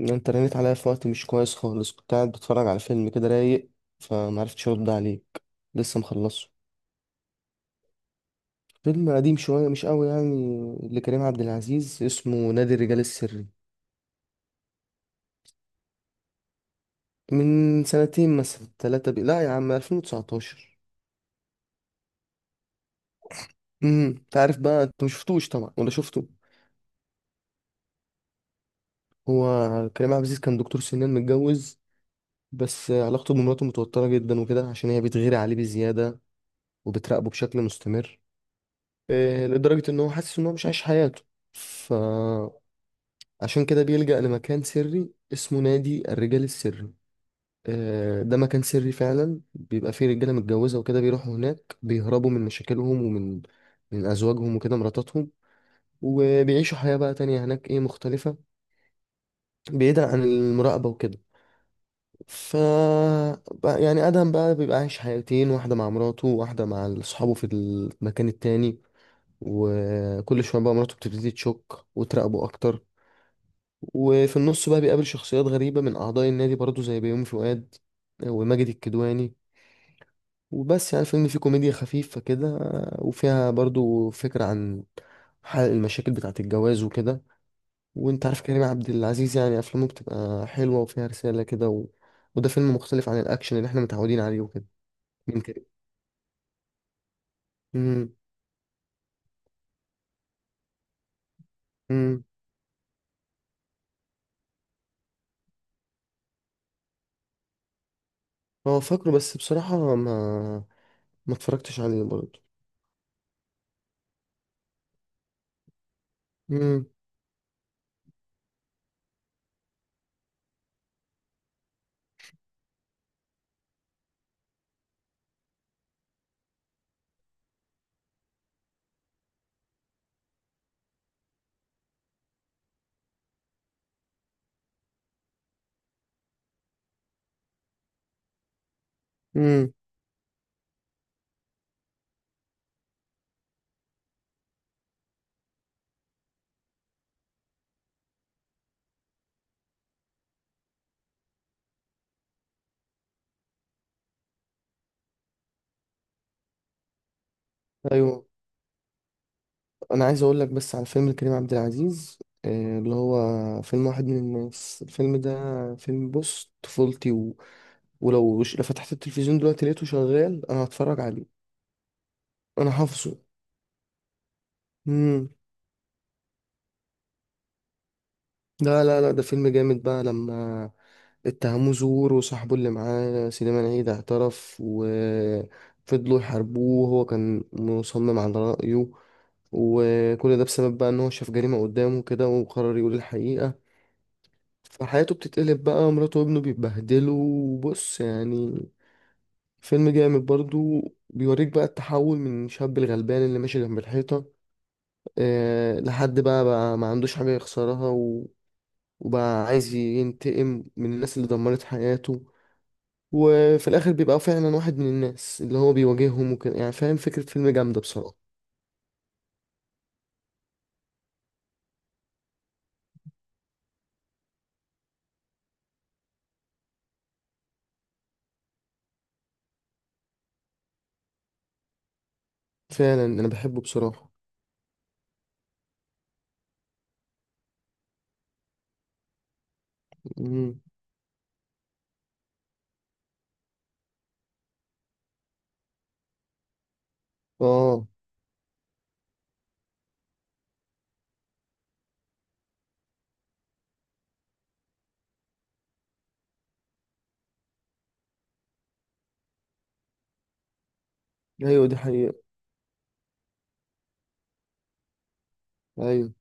ان انت رنيت عليا في وقت مش كويس خالص، كنت قاعد بتفرج على فيلم كده رايق، فمعرفتش ارد عليك. لسه مخلصه. فيلم قديم شوية مش قوي يعني، لكريم عبد العزيز، اسمه نادي الرجال السري. من سنتين مثلا ثلاثة، لا يا عم، 2019. انت عارف بقى، انت مشفتوش طبعا ولا شفته؟ هو كريم عبد العزيز كان دكتور سنان متجوز. بس علاقته بمراته متوترة جدا وكده، عشان هي بتغير عليه بزيادة وبتراقبه بشكل مستمر. إيه، لدرجة ان هو حاسس ان هو مش عايش حياته. ف عشان كده بيلجأ لمكان سري اسمه نادي الرجال السري. آه، ده مكان سري فعلا، بيبقى فيه رجالة متجوزة وكده، بيروحوا هناك بيهربوا من مشاكلهم ومن أزواجهم وكده مراتاتهم. وبيعيشوا حياة بقى تانية هناك، إيه، مختلفة. بعيدا عن المراقبة وكده. ف يعني آدم بقى بيبقى عايش حياتين، واحدة مع مراته وواحدة مع أصحابه في المكان التاني. وكل شوية بقى مراته بتبتدي تشك وتراقبه أكتر. وفي النص بقى بيقابل شخصيات غريبة من أعضاء النادي برضه، زي بيومي فؤاد، آه، وماجد الكدواني. وبس يعني الفيلم فيه كوميديا خفيفة كده، آه، وفيها برضه فكرة عن حل المشاكل بتاعة الجواز وكده. وانت عارف كريم عبد العزيز، يعني أفلامه بتبقى حلوة وفيها رسالة كده وده فيلم مختلف عن الأكشن اللي احنا متعودين عليه وكده. من كريم. مم. مم. هو فاكره بس بصراحة ما اتفرجتش عليه برضه. مم. مم. أيوه. انا عايز اقول لك بس على فيلم كريم عبد العزيز، آه، اللي هو فيلم واحد من الناس، الفيلم ده. فيلم بص طفولتي ولو لو فتحت التلفزيون دلوقتي لقيته شغال انا هتفرج عليه. انا حافظه. امم لا، لا، لا، ده فيلم جامد بقى لما اتهموه زور، وصاحبه اللي معاه سليمان عيد اعترف، وفضلوا يحاربوه وهو كان مصمم على رأيه. وكل ده بسبب بقى ان هو شاف جريمة قدامه كده وقرر يقول الحقيقة. فحياته بتتقلب بقى، مراته وابنه بيتبهدلوا، وبص يعني فيلم جامد برضو. بيوريك بقى التحول من شاب الغلبان اللي ماشي جنب الحيطة. أه لحد بقى ما عندوش حاجة يخسرها وبقى عايز ينتقم من الناس اللي دمرت حياته. وفي الآخر بيبقى فعلا واحد من الناس اللي هو بيواجههم وكده، يعني فاهم، فكرة فيلم جامدة بصراحة. فعلا أنا بحبه بصراحة. مم. اه. أيوة دي حقيقة. أيوة.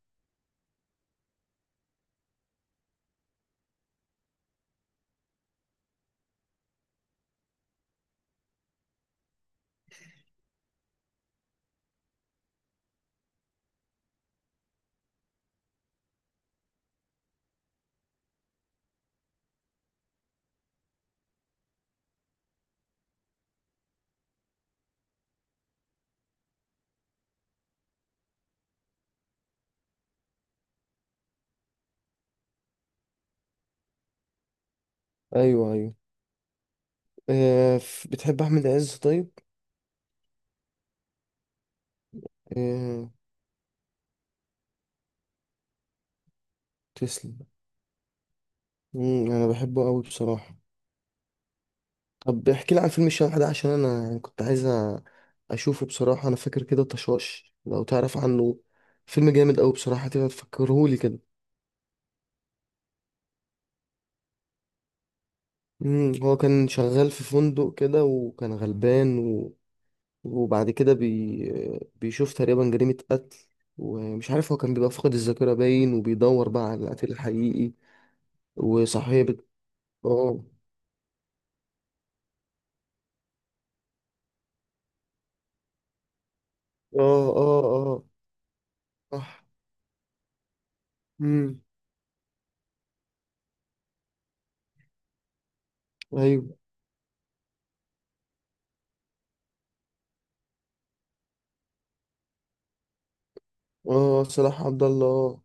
أيوه، أيوه. آه، بتحب أحمد عز طيب؟ آه. تسلم. مم، انا بحبه قوي بصراحه. طب احكي لي عن فيلم الشبح ده، عشان انا يعني كنت عايز اشوفه بصراحه. انا فاكر كده طشاش لو تعرف عنه، فيلم جامد قوي بصراحه، تبقى تفكرهولي كده. مم، هو كان شغال في فندق كده وكان غلبان وبعد كده بيشوف تقريبا جريمه قتل. ومش عارف، هو كان بيبقى فاقد الذاكره باين، وبيدور بقى على القتيل الحقيقي. وصاحبه. اه. اه. اه. اه. صح. مم، ايوه. اه، صلاح عبد الله.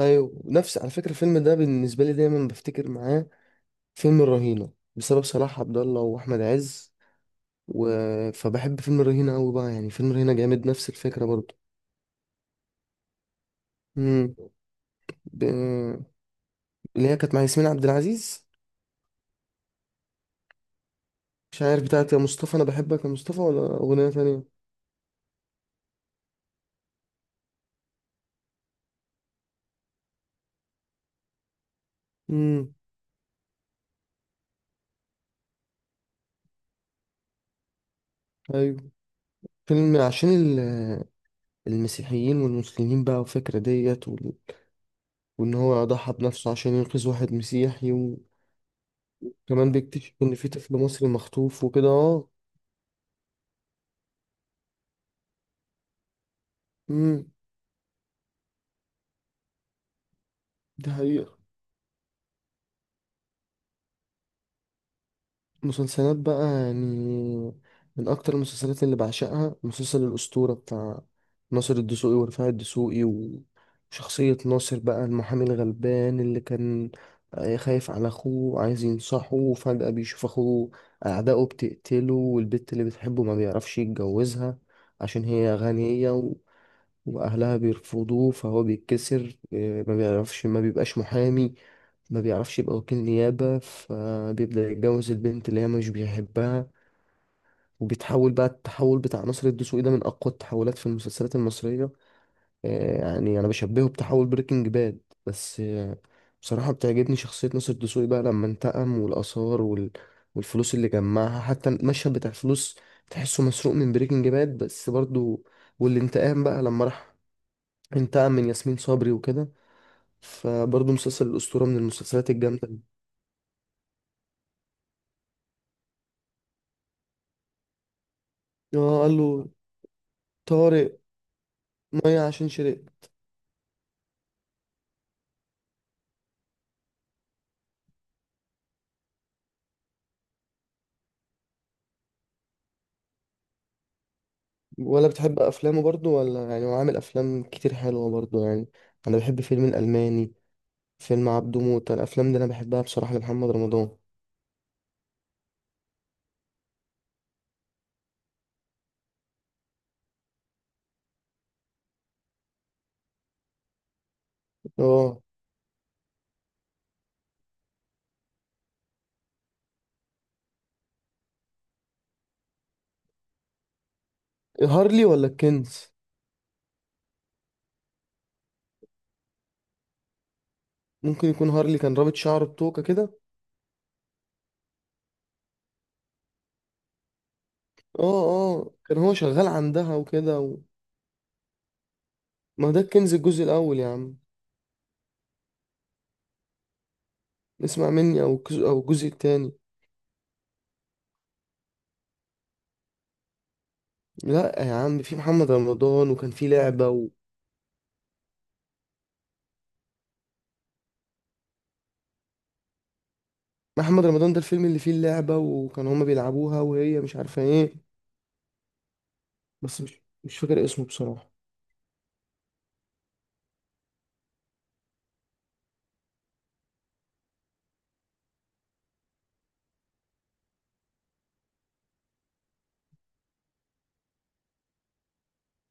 ايوه، نفس، على فكره الفيلم ده بالنسبه لي دايما بفتكر معاه فيلم الرهينه، بسبب صلاح عبد الله واحمد عز و... فبحب فيلم الرهينه قوي بقى، يعني فيلم الرهينه جامد نفس الفكره برضو. امم ب... اللي هي كانت مع ياسمين عبد العزيز. مش عارف بتاعت يا مصطفى، انا بحبك يا مصطفى، ولا اغنيه تانية. امم ايوه. فيلم عشان المسيحيين والمسلمين بقى والفكره ديت وان هو ضحى بنفسه عشان ينقذ واحد مسيحي. كمان بيكتشف إن في طفل مصري مخطوف وكده. اه. امم دي حقيقة. مسلسلات بقى يعني، من أكتر المسلسلات اللي بعشقها مسلسل الأسطورة، بتاع ناصر الدسوقي ورفاعي الدسوقي. وشخصية ناصر بقى المحامي الغلبان اللي كان، آه، خايف على أخوه وعايز ينصحه، وفجأة بيشوف أخوه أعدائه بتقتله، والبت اللي بتحبه ما بيعرفش يتجوزها عشان هي غنية. واهلها بيرفضوه فهو بيتكسر، إيه، ما بيعرفش، ما بيبقاش محامي، ما بيعرفش يبقى وكيل نيابة، فبيبدأ يتجوز البنت اللي هي مش بيحبها. وبيتحول بقى، التحول بتاع ناصر الدسوقي ده من اقوى التحولات في المسلسلات المصرية. إيه، يعني انا بشبهه بتحول بريكنج باد، بس إيه، بصراحة بتعجبني شخصية ناصر الدسوقي بقى لما انتقم، والآثار والفلوس اللي جمعها، حتى المشهد بتاع الفلوس تحسه مسروق من بريكنج باد بس برضو. والانتقام بقى لما راح انتقم من ياسمين صبري وكده. فبرضه مسلسل الأسطورة من المسلسلات الجامدة. اه، قال له طارق، مية عشان شرق. ولا بتحب أفلامه برضه؟ ولا يعني هو عامل أفلام كتير حلوة برضه يعني. أنا بحب فيلم الألماني، فيلم عبده موتة، الأفلام دي أنا بحبها بصراحة لمحمد رمضان. اه. هارلي ولا الكنز؟ ممكن يكون هارلي، كان رابط شعره بتوكة كده. اه. اه، كان هو شغال عندها وكده ما ده الكنز الجزء الأول يا عم. اسمع مني، أو الجزء، أو الجزء التاني. لا يا عم، في محمد رمضان وكان في لعبة محمد رمضان ده الفيلم اللي فيه اللعبة، وكان هما بيلعبوها وهي مش عارفة ايه. بس مش فاكر اسمه بصراحة.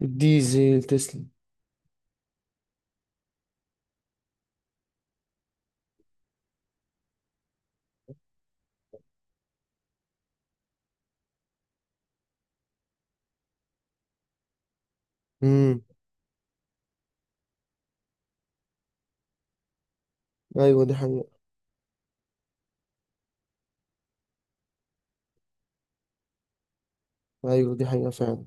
الديزل. تسلم. امم ايوه دي حقيقة. ايوه دي حقيقة فعلا.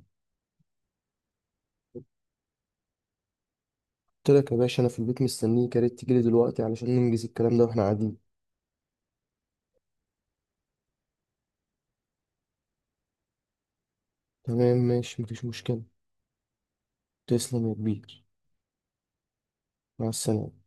قلت لك يا باشا، انا في البيت مستنيك، يا ريت تجيلي دلوقتي علشان ننجز الكلام ده واحنا قاعدين. تمام، ماشي، مفيش مشكلة. تسلم يا كبير. مع السلامة.